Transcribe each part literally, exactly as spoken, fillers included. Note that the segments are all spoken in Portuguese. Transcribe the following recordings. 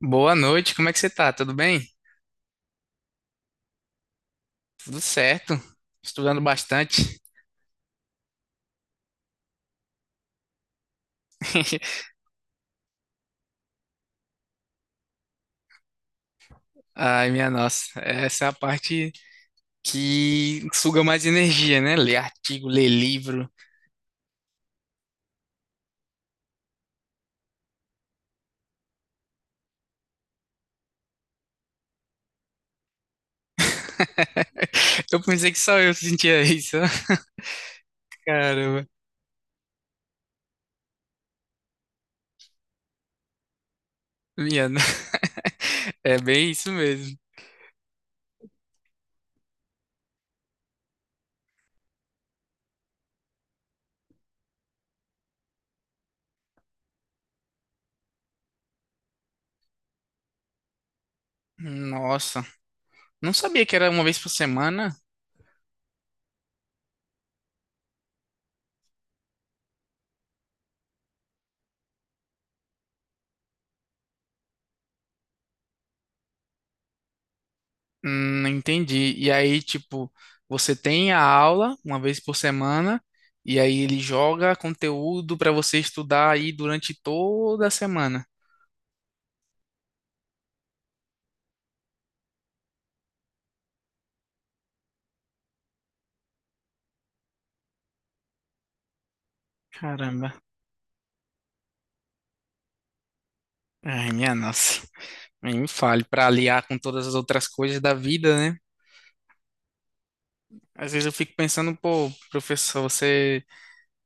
Boa noite, como é que você tá? Tudo bem? Tudo certo. Estudando bastante. Ai, minha nossa, essa é a parte que suga mais energia, né? Ler artigo, ler livro. Eu pensei que só eu sentia isso. Caramba, minha no- É bem isso mesmo. Nossa, não sabia que era uma vez por semana. Hum, entendi. E aí, tipo, você tem a aula uma vez por semana, e aí ele joga conteúdo para você estudar aí durante toda a semana. Caramba. Ai, minha nossa. Nem me fale, para aliar com todas as outras coisas da vida, né? Às vezes eu fico pensando, pô, professor, você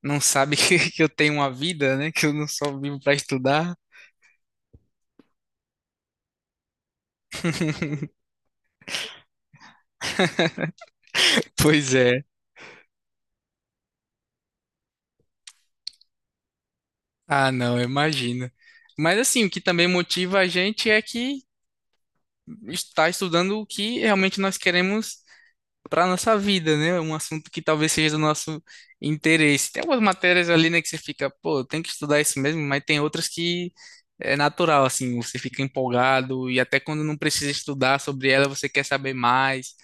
não sabe que, que eu tenho uma vida, né? Que eu não só vivo para estudar? Pois é. Ah, não, eu imagino. Mas assim, o que também motiva a gente é que estar estudando o que realmente nós queremos para nossa vida, né? Um assunto que talvez seja do nosso interesse. Tem algumas matérias ali, né, que você fica, pô, tem que estudar isso mesmo, mas tem outras que é natural, assim, você fica empolgado e até quando não precisa estudar sobre ela, você quer saber mais.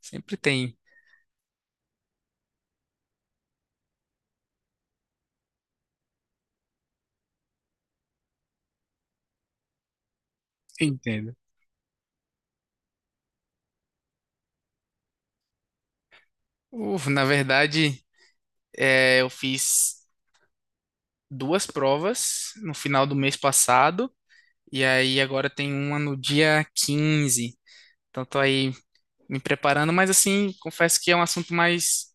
Sempre tem. Entendo. Uf, na verdade, é, eu fiz duas provas no final do mês passado, e aí agora tem uma no dia quinze. Então tô aí me preparando, mas assim, confesso que é um assunto mais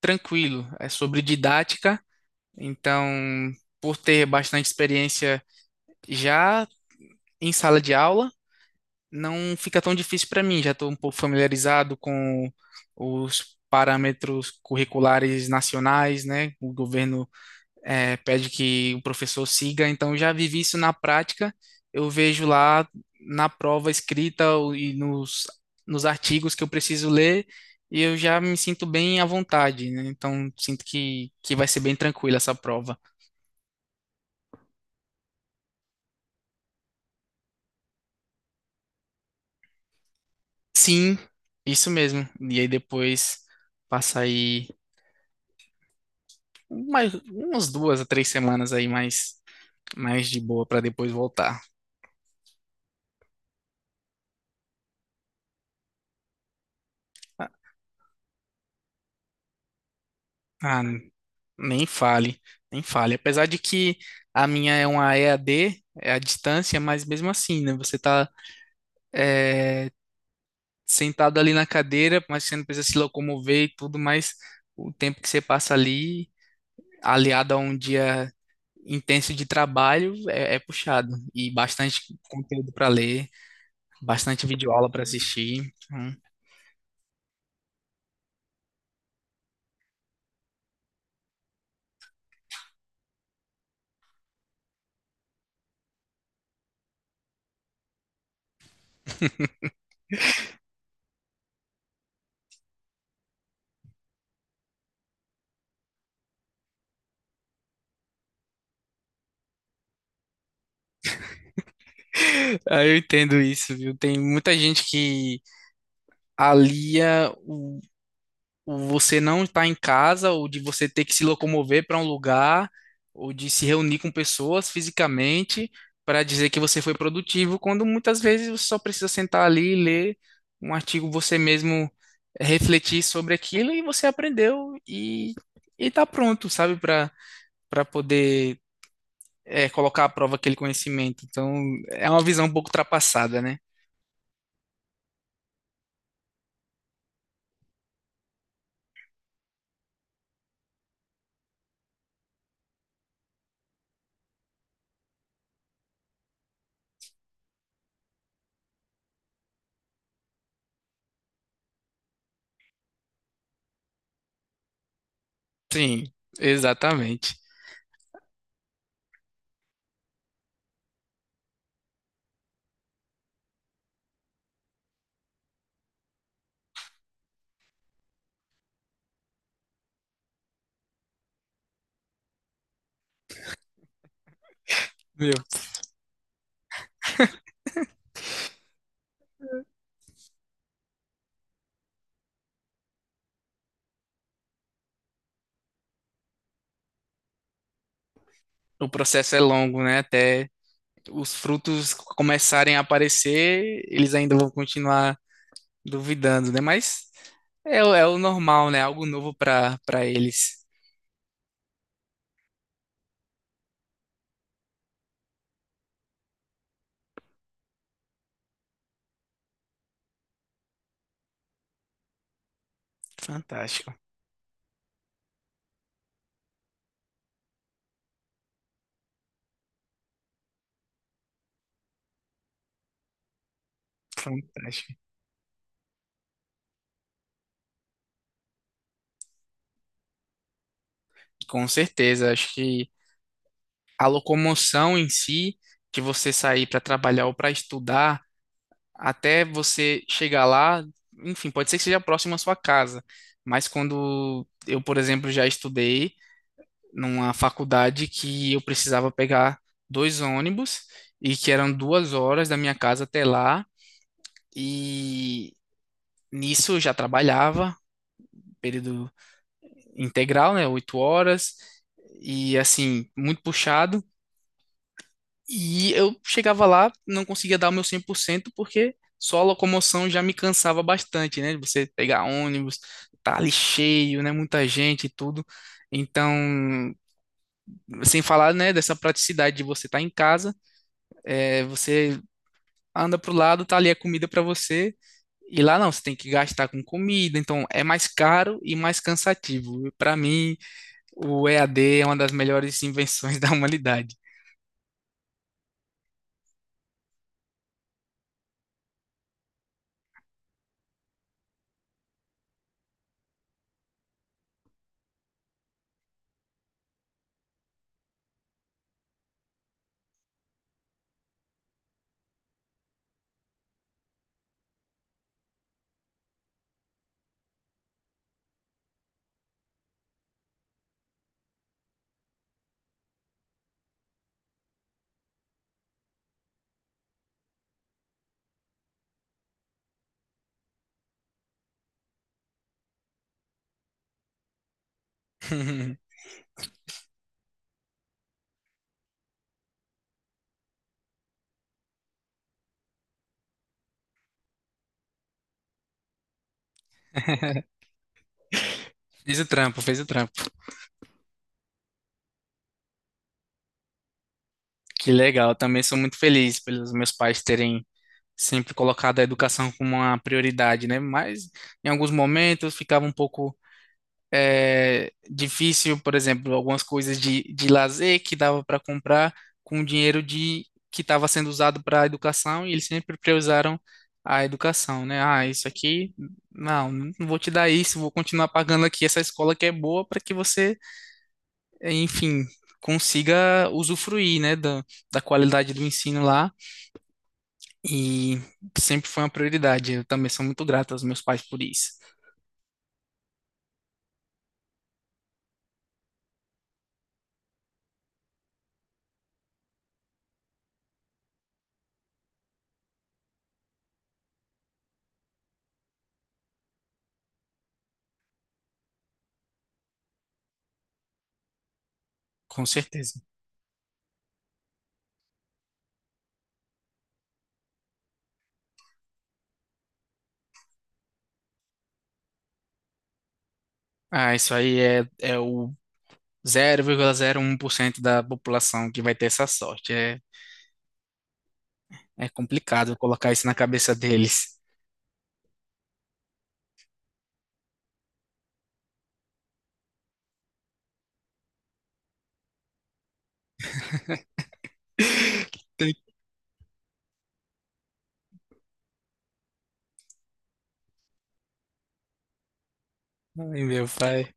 tranquilo. É sobre didática, então, por ter bastante experiência já em sala de aula, não fica tão difícil para mim. Já estou um pouco familiarizado com os parâmetros curriculares nacionais, né? O governo é, pede que o professor siga, então eu já vivi isso na prática, eu vejo lá na prova escrita o- e nos, nos artigos que eu preciso ler, e eu já me sinto bem à vontade, né? Então sinto que, que vai ser bem tranquila essa prova. Sim, isso mesmo. E aí depois passa aí mais, umas duas a três semanas aí mais, mais de boa para depois voltar. Ah, nem fale, nem fale. Apesar de que a minha é uma E A D, é à distância, mas mesmo assim, né? Você tá eh, sentado ali na cadeira, mas você não precisa se locomover e tudo, mas o tempo que você passa ali, aliado a um dia intenso de trabalho, é, é puxado. E bastante conteúdo para ler, bastante videoaula para assistir. Hum. Ah, eu entendo isso, viu? Tem muita gente que alia o você não estar em casa, ou de você ter que se locomover para um lugar, ou de se reunir com pessoas fisicamente para dizer que você foi produtivo, quando muitas vezes você só precisa sentar ali e ler um artigo, você mesmo refletir sobre aquilo e você aprendeu e e tá pronto, sabe, para para poder é, colocar à prova aquele conhecimento. Então, é uma visão um pouco ultrapassada, né? Sim, exatamente. Meu, o processo é longo, né? Até os frutos começarem a aparecer, eles ainda vão continuar duvidando, né? Mas é, o- é o normal, né? Algo novo para para eles. Fantástico, fantástico. Com certeza, acho que a locomoção em si, de você sair para trabalhar ou para estudar, até você chegar lá, enfim, pode ser que seja próximo à sua casa, mas quando eu, por exemplo, já estudei numa faculdade que eu precisava pegar dois ônibus e que eram duas horas da minha casa até lá. E nisso eu já trabalhava, período integral, né? Oito horas, e assim, muito puxado. E eu chegava lá, não conseguia dar o meu cem por cento porque só a locomoção já me cansava bastante, né? Você pegar ônibus, tá ali cheio, né? Muita gente e tudo. Então, sem falar, né, dessa praticidade de você estar em casa. É, você anda pro lado, tá ali a comida para você. E lá não, você tem que gastar com comida, então é mais caro e mais cansativo. Para mim, o E A D é uma das melhores invenções da humanidade. Fez o trampo, fez o trampo. Que legal, eu também sou muito feliz pelos meus pais terem sempre colocado a educação como uma prioridade, né? Mas em alguns momentos ficava um pouco é, difícil, por exemplo, algumas coisas de, de, lazer que dava para comprar com o dinheiro de que estava sendo usado para a educação e eles sempre priorizaram a educação, né? Ah, isso aqui, não, não vou te dar isso, vou continuar pagando aqui essa escola que é boa para que você, enfim, consiga usufruir, né, da, da qualidade do ensino lá e sempre foi uma prioridade. Eu também sou muito grato aos meus pais por isso, com certeza. Ah, isso aí é, é o zero vírgula zero um por cento da população que vai ter essa sorte. É, é complicado colocar isso na cabeça deles. Tem- Ai, meu pai.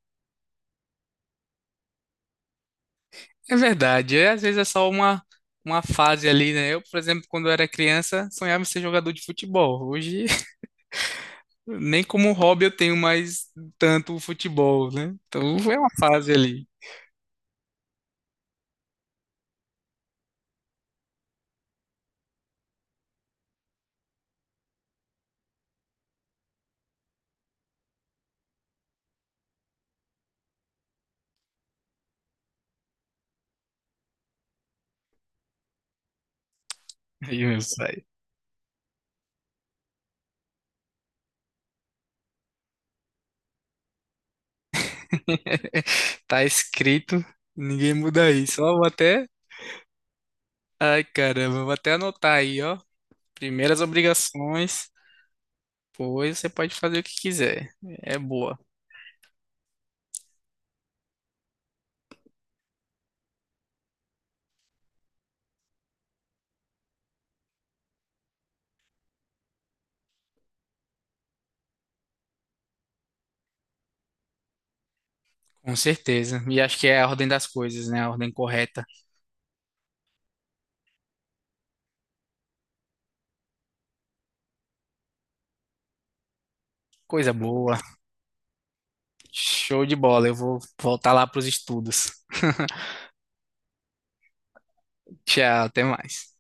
É verdade. É, às vezes é só uma, uma fase ali, né? Eu, por exemplo, quando eu era criança, sonhava em ser jogador de futebol. Hoje, nem como hobby eu tenho mais tanto o futebol, né? Então, foi uma fase ali. Aí, meu pai. Tá escrito, ninguém muda isso. Ó, vou até. Ai, caramba, vou até anotar aí, ó. Primeiras obrigações, depois você pode fazer o que quiser. É boa, com certeza. E acho que é a ordem das coisas, né? A ordem correta. Coisa boa. Show de bola. Eu vou voltar lá para os estudos. Tchau, até mais.